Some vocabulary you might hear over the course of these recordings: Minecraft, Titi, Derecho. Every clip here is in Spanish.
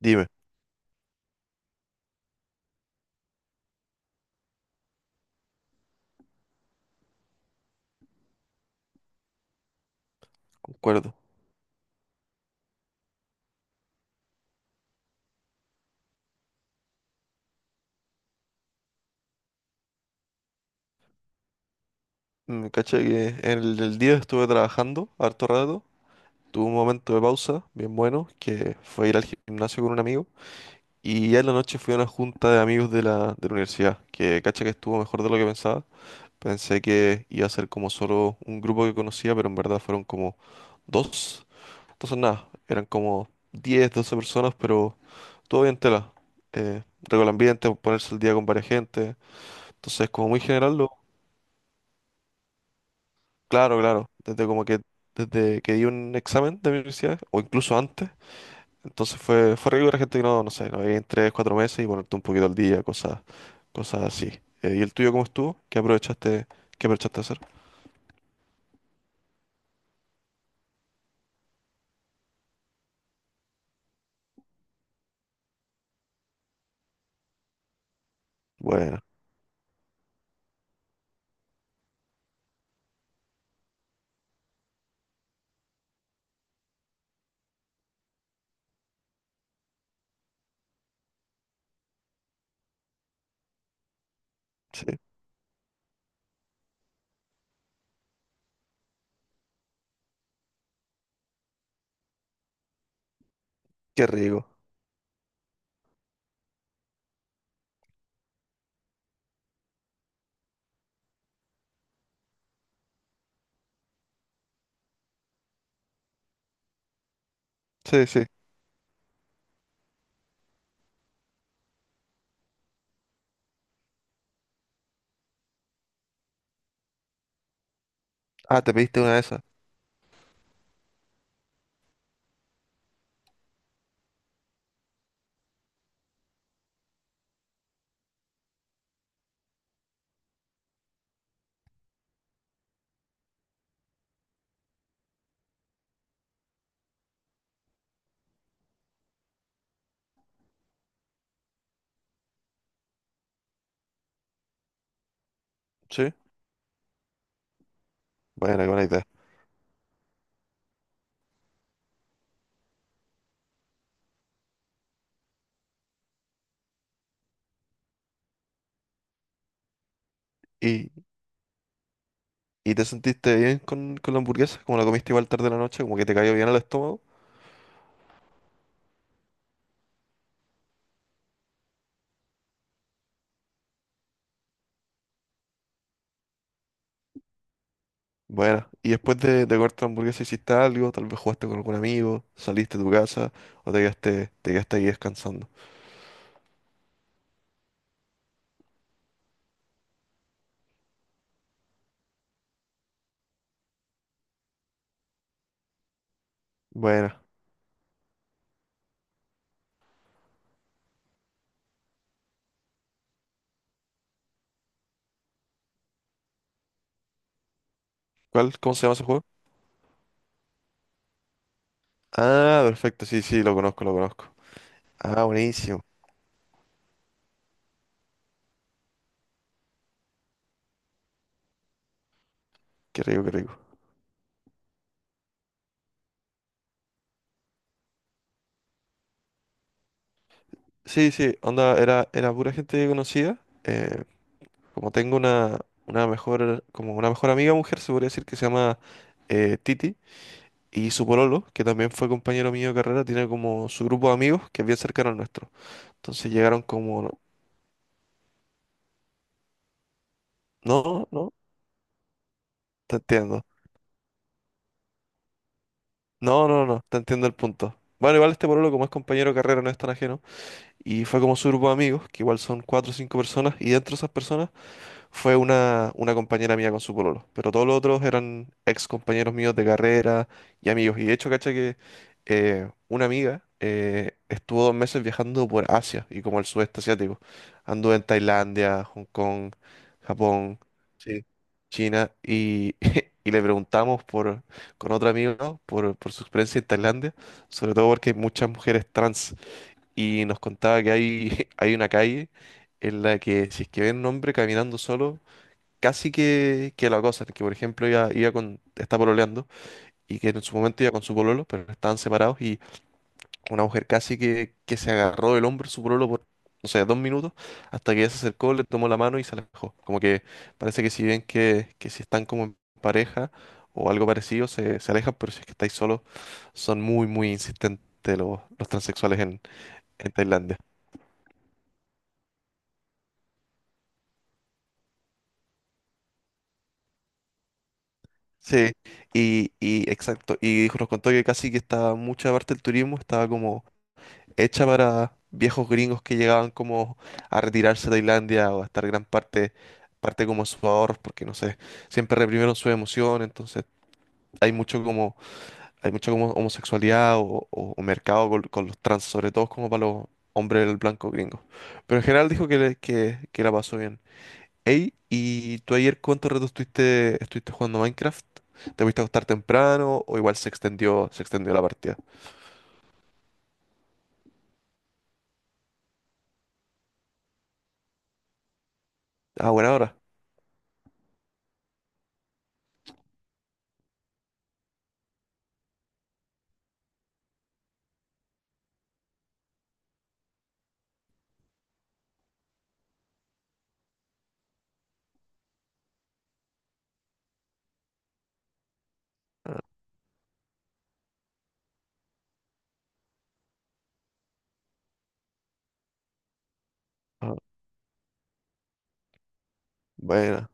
Dime, concuerdo. Caché que en el día estuve trabajando harto rato. Tuve un momento de pausa bien bueno, que fue ir al gimnasio con un amigo. Y ya en la noche fui a una junta de amigos de la universidad, que caché que estuvo mejor de lo que pensaba. Pensé que iba a ser como solo un grupo que conocía, pero en verdad fueron como dos. Entonces nada, eran como 10, 12 personas, pero todo bien tela. Rico el ambiente, ponerse al día con varias gente. Entonces, como muy general. Claro, claro, desde como que desde que di un examen de mi universidad o incluso antes, entonces fue rico la gente que no no sé, no veía en 3, 4 meses y ponerte un poquito al día, cosas así. ¿Y el tuyo cómo estuvo? ¿Qué aprovechaste a hacer? Bueno, sí, qué rico. Sí, sí. Ah, te pediste una de esas. Sí. Bueno, qué buena idea. ¿Y, y te sentiste bien con, la hamburguesa? ¿Como la comiste igual tarde de la noche? ¿Como que te cayó bien al estómago? Bueno, y después de cortar hamburguesa hiciste algo, tal vez jugaste con algún amigo, saliste de tu casa o te quedaste ahí descansando. Bueno, ¿cuál? ¿Cómo se llama ese juego? Ah, perfecto, sí, sí, lo conozco, lo conozco. Ah, buenísimo, qué rico, qué rico. Sí, sí, onda, era pura gente que conocía. eh, Como tengo una mejor, como una mejor amiga mujer, se podría decir que se llama Titi, y su pololo, que también fue compañero mío de carrera, tiene como su grupo de amigos que es bien cercano al nuestro. Entonces llegaron como, no, no, te entiendo. No, no, no, te entiendo el punto. Bueno, igual este pololo, como es compañero de carrera, no es tan ajeno. Y fue como su grupo de amigos, que igual son cuatro o cinco personas, y dentro de esas personas fue una compañera mía con su pololo, pero todos los otros eran ex compañeros míos de carrera y amigos. Y de hecho, caché que una amiga estuvo 2 meses viajando por Asia y como el sudeste asiático. Anduvo en Tailandia, Hong Kong, Japón. Sí. China y, y le preguntamos con otro amigo ¿no? por su experiencia en Tailandia, sobre todo porque hay muchas mujeres trans y nos contaba que hay, hay una calle en la que si es que ven un hombre caminando solo, casi que, la cosa, que por ejemplo iba con, está pololeando y que en su momento iba con su pololo, pero estaban separados y una mujer casi que se agarró del hombro de su pololo por, no sé, 2 minutos, hasta que ella se acercó, le tomó la mano y se alejó. Como que parece que si bien que si están como en pareja o algo parecido, se alejan, pero si es que estáis solos, son muy, muy insistentes los transexuales en Tailandia. Sí, y exacto, y nos contó que casi que estaba mucha parte del turismo, estaba como hecha para viejos gringos que llegaban como a retirarse de Tailandia o a estar gran parte como sus ahorros, porque no sé, siempre reprimieron su emoción, entonces hay mucho como, hay mucho como homosexualidad o mercado con los trans, sobre todo como para los hombres blancos gringos. Pero en general dijo que la pasó bien. Ey, ¿y tú ayer cuánto rato estuviste jugando Minecraft? ¿Te fuiste a acostar temprano o igual se extendió la partida? Ah, buena hora. Ah, buena.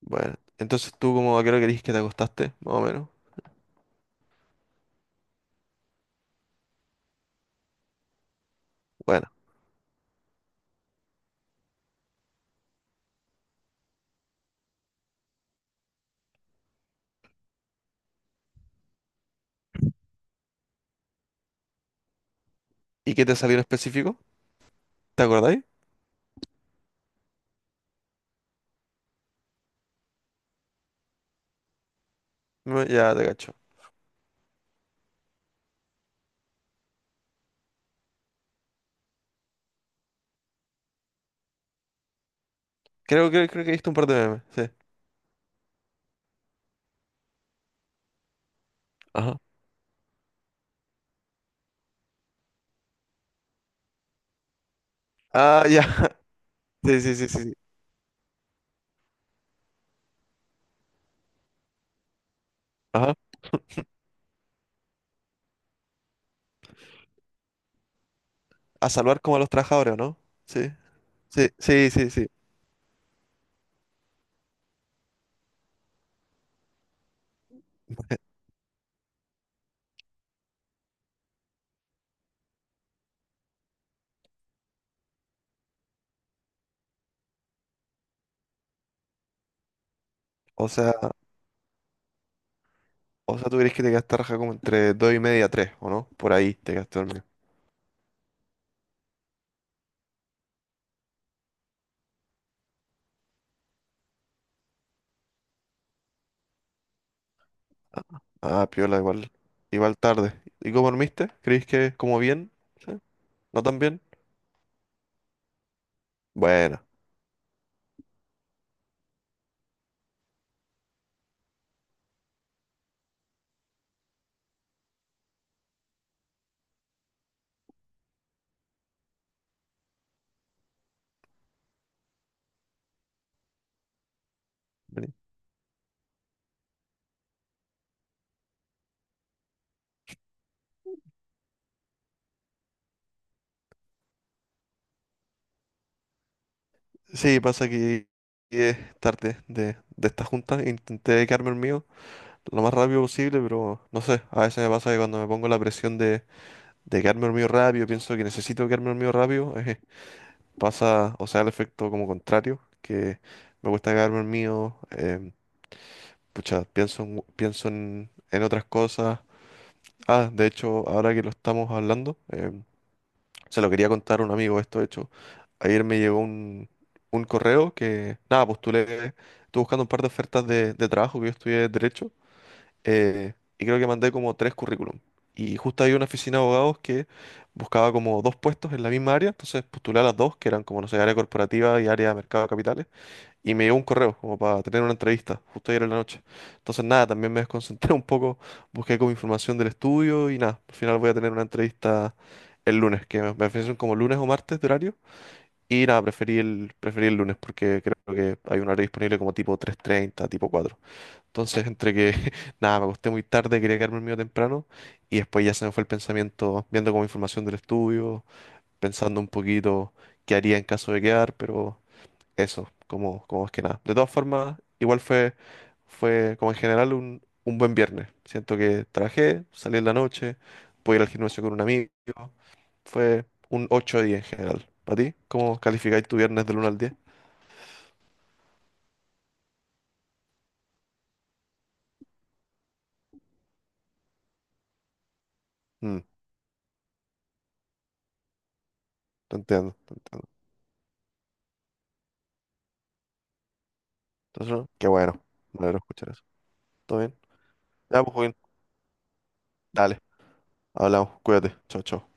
Bueno, entonces tú como a qué hora querís que te acostaste, más o menos. Bueno, ¿y qué te salió en específico? ¿Te acordáis? No, ya te cacho. Creo que viste un par de memes, sí. Ajá. Ah, ya. Sí, sí, sí, sí. Sí. Ajá. A salvar como a los trabajadores, ¿o no? Sí. Sí, sí, sí, sí. O sea, o sea, tú crees que te quedaste raja como entre 2:30, 3, ¿o no? Por ahí te quedaste dormido. Ah, piola, igual. Igual tarde. ¿Y cómo dormiste? ¿Crees que como bien? ¿Sí? ¿No tan bien? Bueno. Sí, pasa que es tarde de esta junta. Intenté quedarme el mío lo más rápido posible, pero no sé. A veces me pasa que cuando me pongo la presión de quedarme el mío rápido, pienso que necesito quedarme el mío rápido, pasa, o sea, el efecto como contrario, que me cuesta quedarme el mío. Pucha, pienso, pienso en otras cosas. Ah, de hecho, ahora que lo estamos hablando. Se lo quería contar a un amigo esto, de hecho. Ayer me llegó un correo que, nada, postulé, estuve buscando un par de ofertas de trabajo que yo estudié Derecho y creo que mandé como tres currículum. Y justo había una oficina de abogados que buscaba como dos puestos en la misma área, entonces postulé a las dos, que eran como, no sé, área corporativa y área de mercado de capitales. Y me llegó un correo como para tener una entrevista, justo ayer en la noche. Entonces nada, también me desconcentré un poco, busqué como información del estudio y nada, al final voy a tener una entrevista el lunes, que me ofrecen como lunes o martes de horario. Y nada, preferí el lunes porque creo que hay un horario disponible como tipo 3:30 tipo 4. Entonces entre que nada, me acosté muy tarde, quería quedarme medio temprano y después ya se me fue el pensamiento viendo como información del estudio, pensando un poquito qué haría en caso de quedar, pero. Eso, como, más que nada. De todas formas, igual fue como en general un buen viernes. Siento que trabajé, salí en la noche, pude ir al gimnasio con un amigo. Fue un 8 de 10 en general. ¿Para ti? ¿Cómo calificáis tu viernes del 1 al 10? Mm, te entiendo, te entiendo. Entonces, ¿no? Qué bueno, me alegro escuchar eso. ¿Todo bien? Ya, pues, Joaquín, dale, hablamos, cuídate, chao, chao.